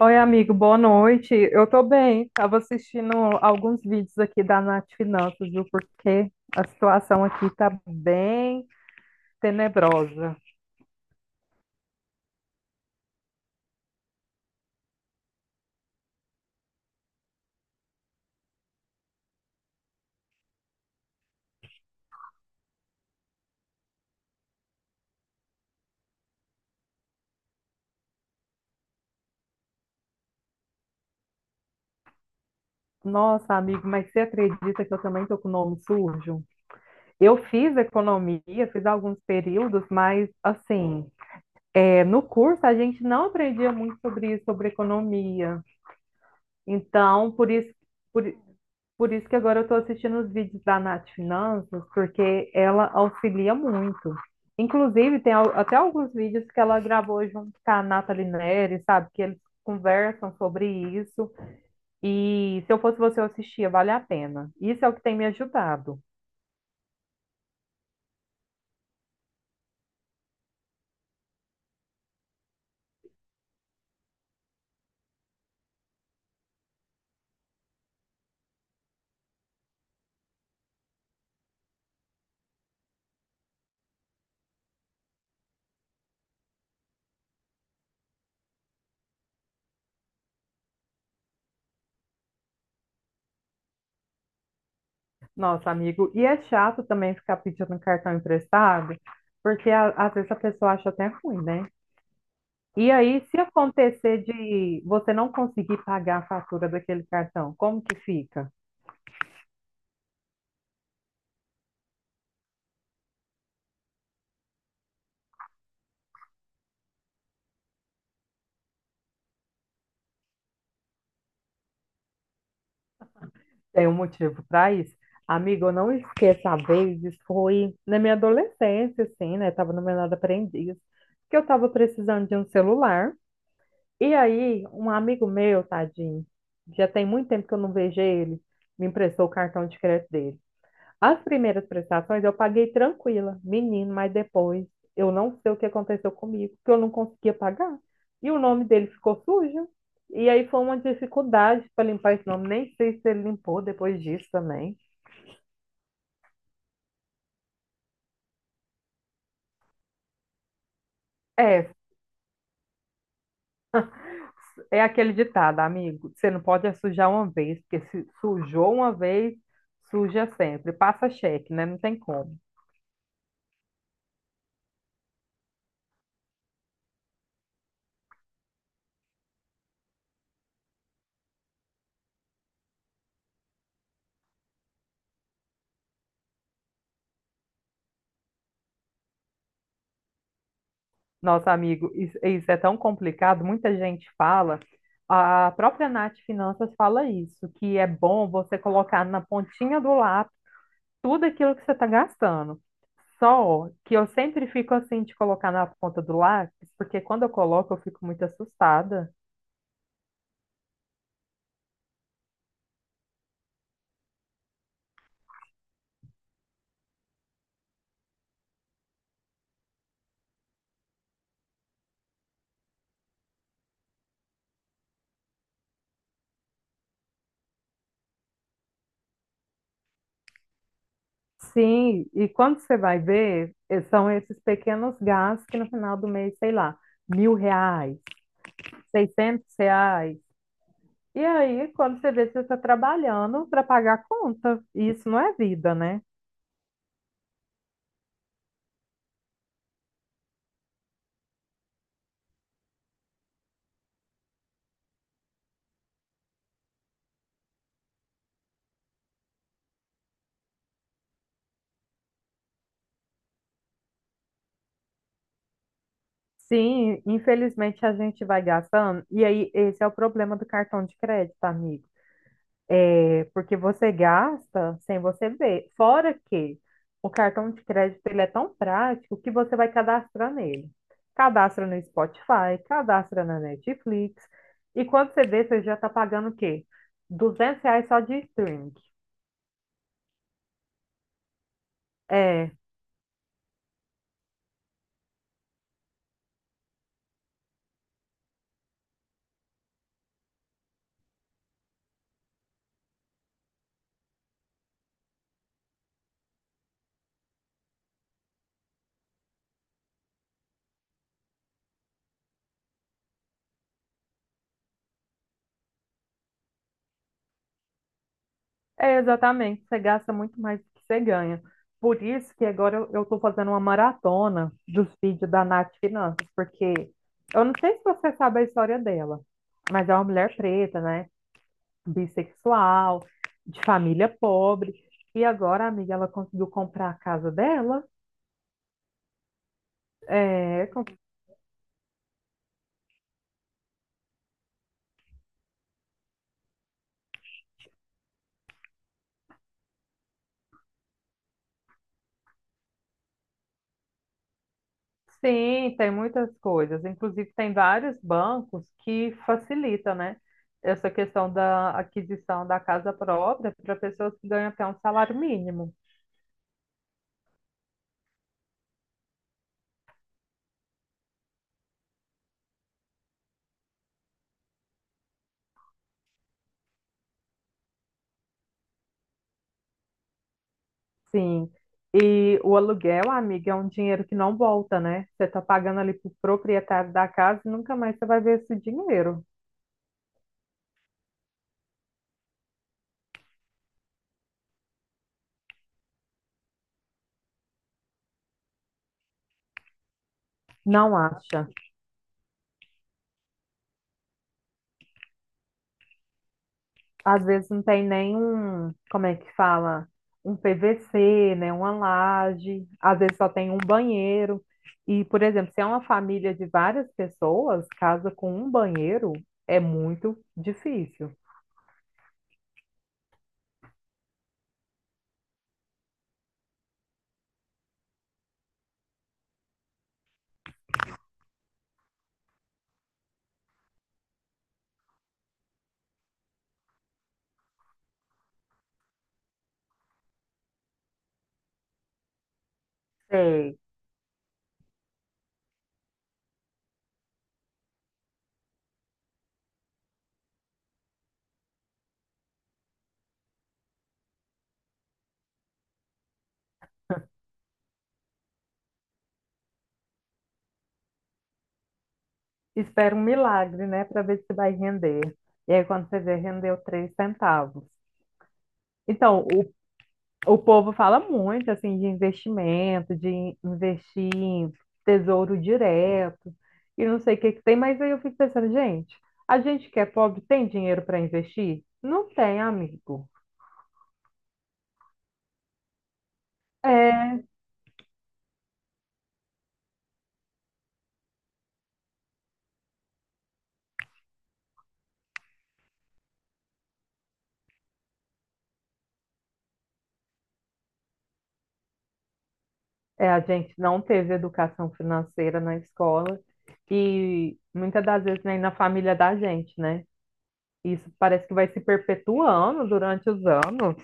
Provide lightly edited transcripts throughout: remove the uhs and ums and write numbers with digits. Oi, amigo, boa noite. Eu tô bem. Tava assistindo alguns vídeos aqui da Nath Finanças, viu? Porque a situação aqui tá bem tenebrosa. Nossa, amigo, mas você acredita que eu também tô com o nome sujo? Eu fiz economia, fiz alguns períodos, mas assim, é, no curso a gente não aprendia muito sobre isso, sobre economia. Então, por isso, por, por isso que agora eu estou assistindo os vídeos da Nath Finanças, porque ela auxilia muito. Inclusive, tem até alguns vídeos que ela gravou junto com a Nathalie Neri, sabe? Que eles conversam sobre isso. E se eu fosse você, eu assistia, vale a pena. Isso é o que tem me ajudado. Nossa, amigo, e é chato também ficar pedindo cartão emprestado, porque às vezes a pessoa acha até ruim, né? E aí, se acontecer de você não conseguir pagar a fatura daquele cartão, como que fica? Tem um motivo para isso? Amigo, eu não esqueço a vez, isso foi na minha adolescência, assim, né? Tava no menor aprendiz, que eu tava precisando de um celular. E aí, um amigo meu, tadinho, já tem muito tempo que eu não vejo ele, me emprestou o cartão de crédito dele. As primeiras prestações eu paguei tranquila, menino, mas depois eu não sei o que aconteceu comigo, que eu não conseguia pagar. E o nome dele ficou sujo. E aí foi uma dificuldade para limpar esse nome. Nem sei se ele limpou depois disso também. É, é aquele ditado, amigo. Você não pode é sujar uma vez, porque se sujou uma vez, suja sempre. Passa cheque, né? Não tem como. Nossa, amigo, isso é tão complicado. Muita gente fala, a própria Nath Finanças fala isso, que é bom você colocar na pontinha do lápis tudo aquilo que você está gastando. Só que eu sempre fico assim de colocar na ponta do lápis, porque quando eu coloco eu fico muito assustada. Sim, e quando você vai ver, são esses pequenos gastos que no final do mês, sei lá, R$ 1.000, R$ 600. E aí, quando você vê, você está trabalhando para pagar a conta. E isso não é vida, né? Sim, infelizmente a gente vai gastando. E aí, esse é o problema do cartão de crédito, amigo. É porque você gasta sem você ver. Fora que o cartão de crédito ele é tão prático que você vai cadastrar nele. Cadastra no Spotify, cadastra na Netflix. E quando você vê, você já está pagando o quê? R$ reais só de streaming. É, Exatamente, você gasta muito mais do que você ganha. Por isso que agora eu estou fazendo uma maratona dos vídeos da Nath Finanças, porque eu não sei se você sabe a história dela, mas é uma mulher preta, né? Bissexual, de família pobre. E agora, amiga, ela conseguiu comprar a casa dela, é, com Sim, tem muitas coisas. Inclusive, tem vários bancos que facilitam, né? Essa questão da aquisição da casa própria para pessoas que ganham até um salário mínimo. Sim. E o aluguel, amiga, é um dinheiro que não volta, né? Você está pagando ali para o proprietário da casa e nunca mais você vai ver esse dinheiro. Não acha? Às vezes não tem nem um, como é que fala? Um PVC, né? Uma laje, às vezes só tem um banheiro. E, por exemplo, se é uma família de várias pessoas, casa com um banheiro é muito difícil. Sei. Espera um milagre, né, para ver se vai render. E aí, quando você vê, rendeu R$ 0,03. Então, o O povo fala muito assim de investimento, de investir em tesouro direto e não sei o que que tem, mas aí eu fico pensando, gente, a gente que é pobre tem dinheiro para investir? Não tem, amigo. É, a gente não teve educação financeira na escola e muitas das vezes nem na família da gente, né? Isso parece que vai se perpetuando durante os anos.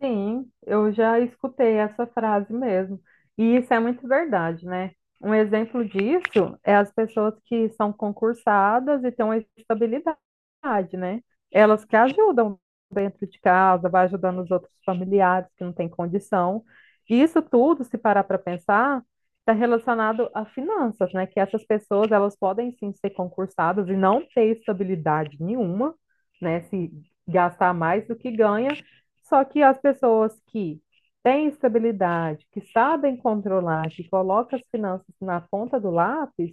Sim, eu já escutei essa frase mesmo. E isso é muito verdade, né? Um exemplo disso é as pessoas que são concursadas e têm uma estabilidade, né? Elas que ajudam dentro de casa, vai ajudando os outros familiares que não têm condição. E isso tudo, se parar para pensar, está relacionado a finanças, né? Que essas pessoas, elas podem sim ser concursadas e não ter estabilidade nenhuma, né? Se gastar mais do que ganha só que as pessoas que têm estabilidade, que sabem controlar, que colocam as finanças na ponta do lápis,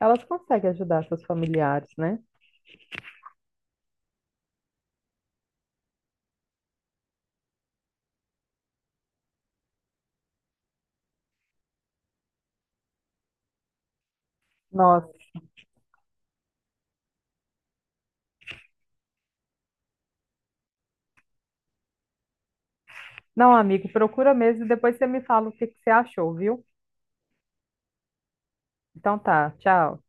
elas conseguem ajudar seus familiares, né? Nossa. Não, amigo, procura mesmo e depois você me fala o que que você achou, viu? Então tá, tchau.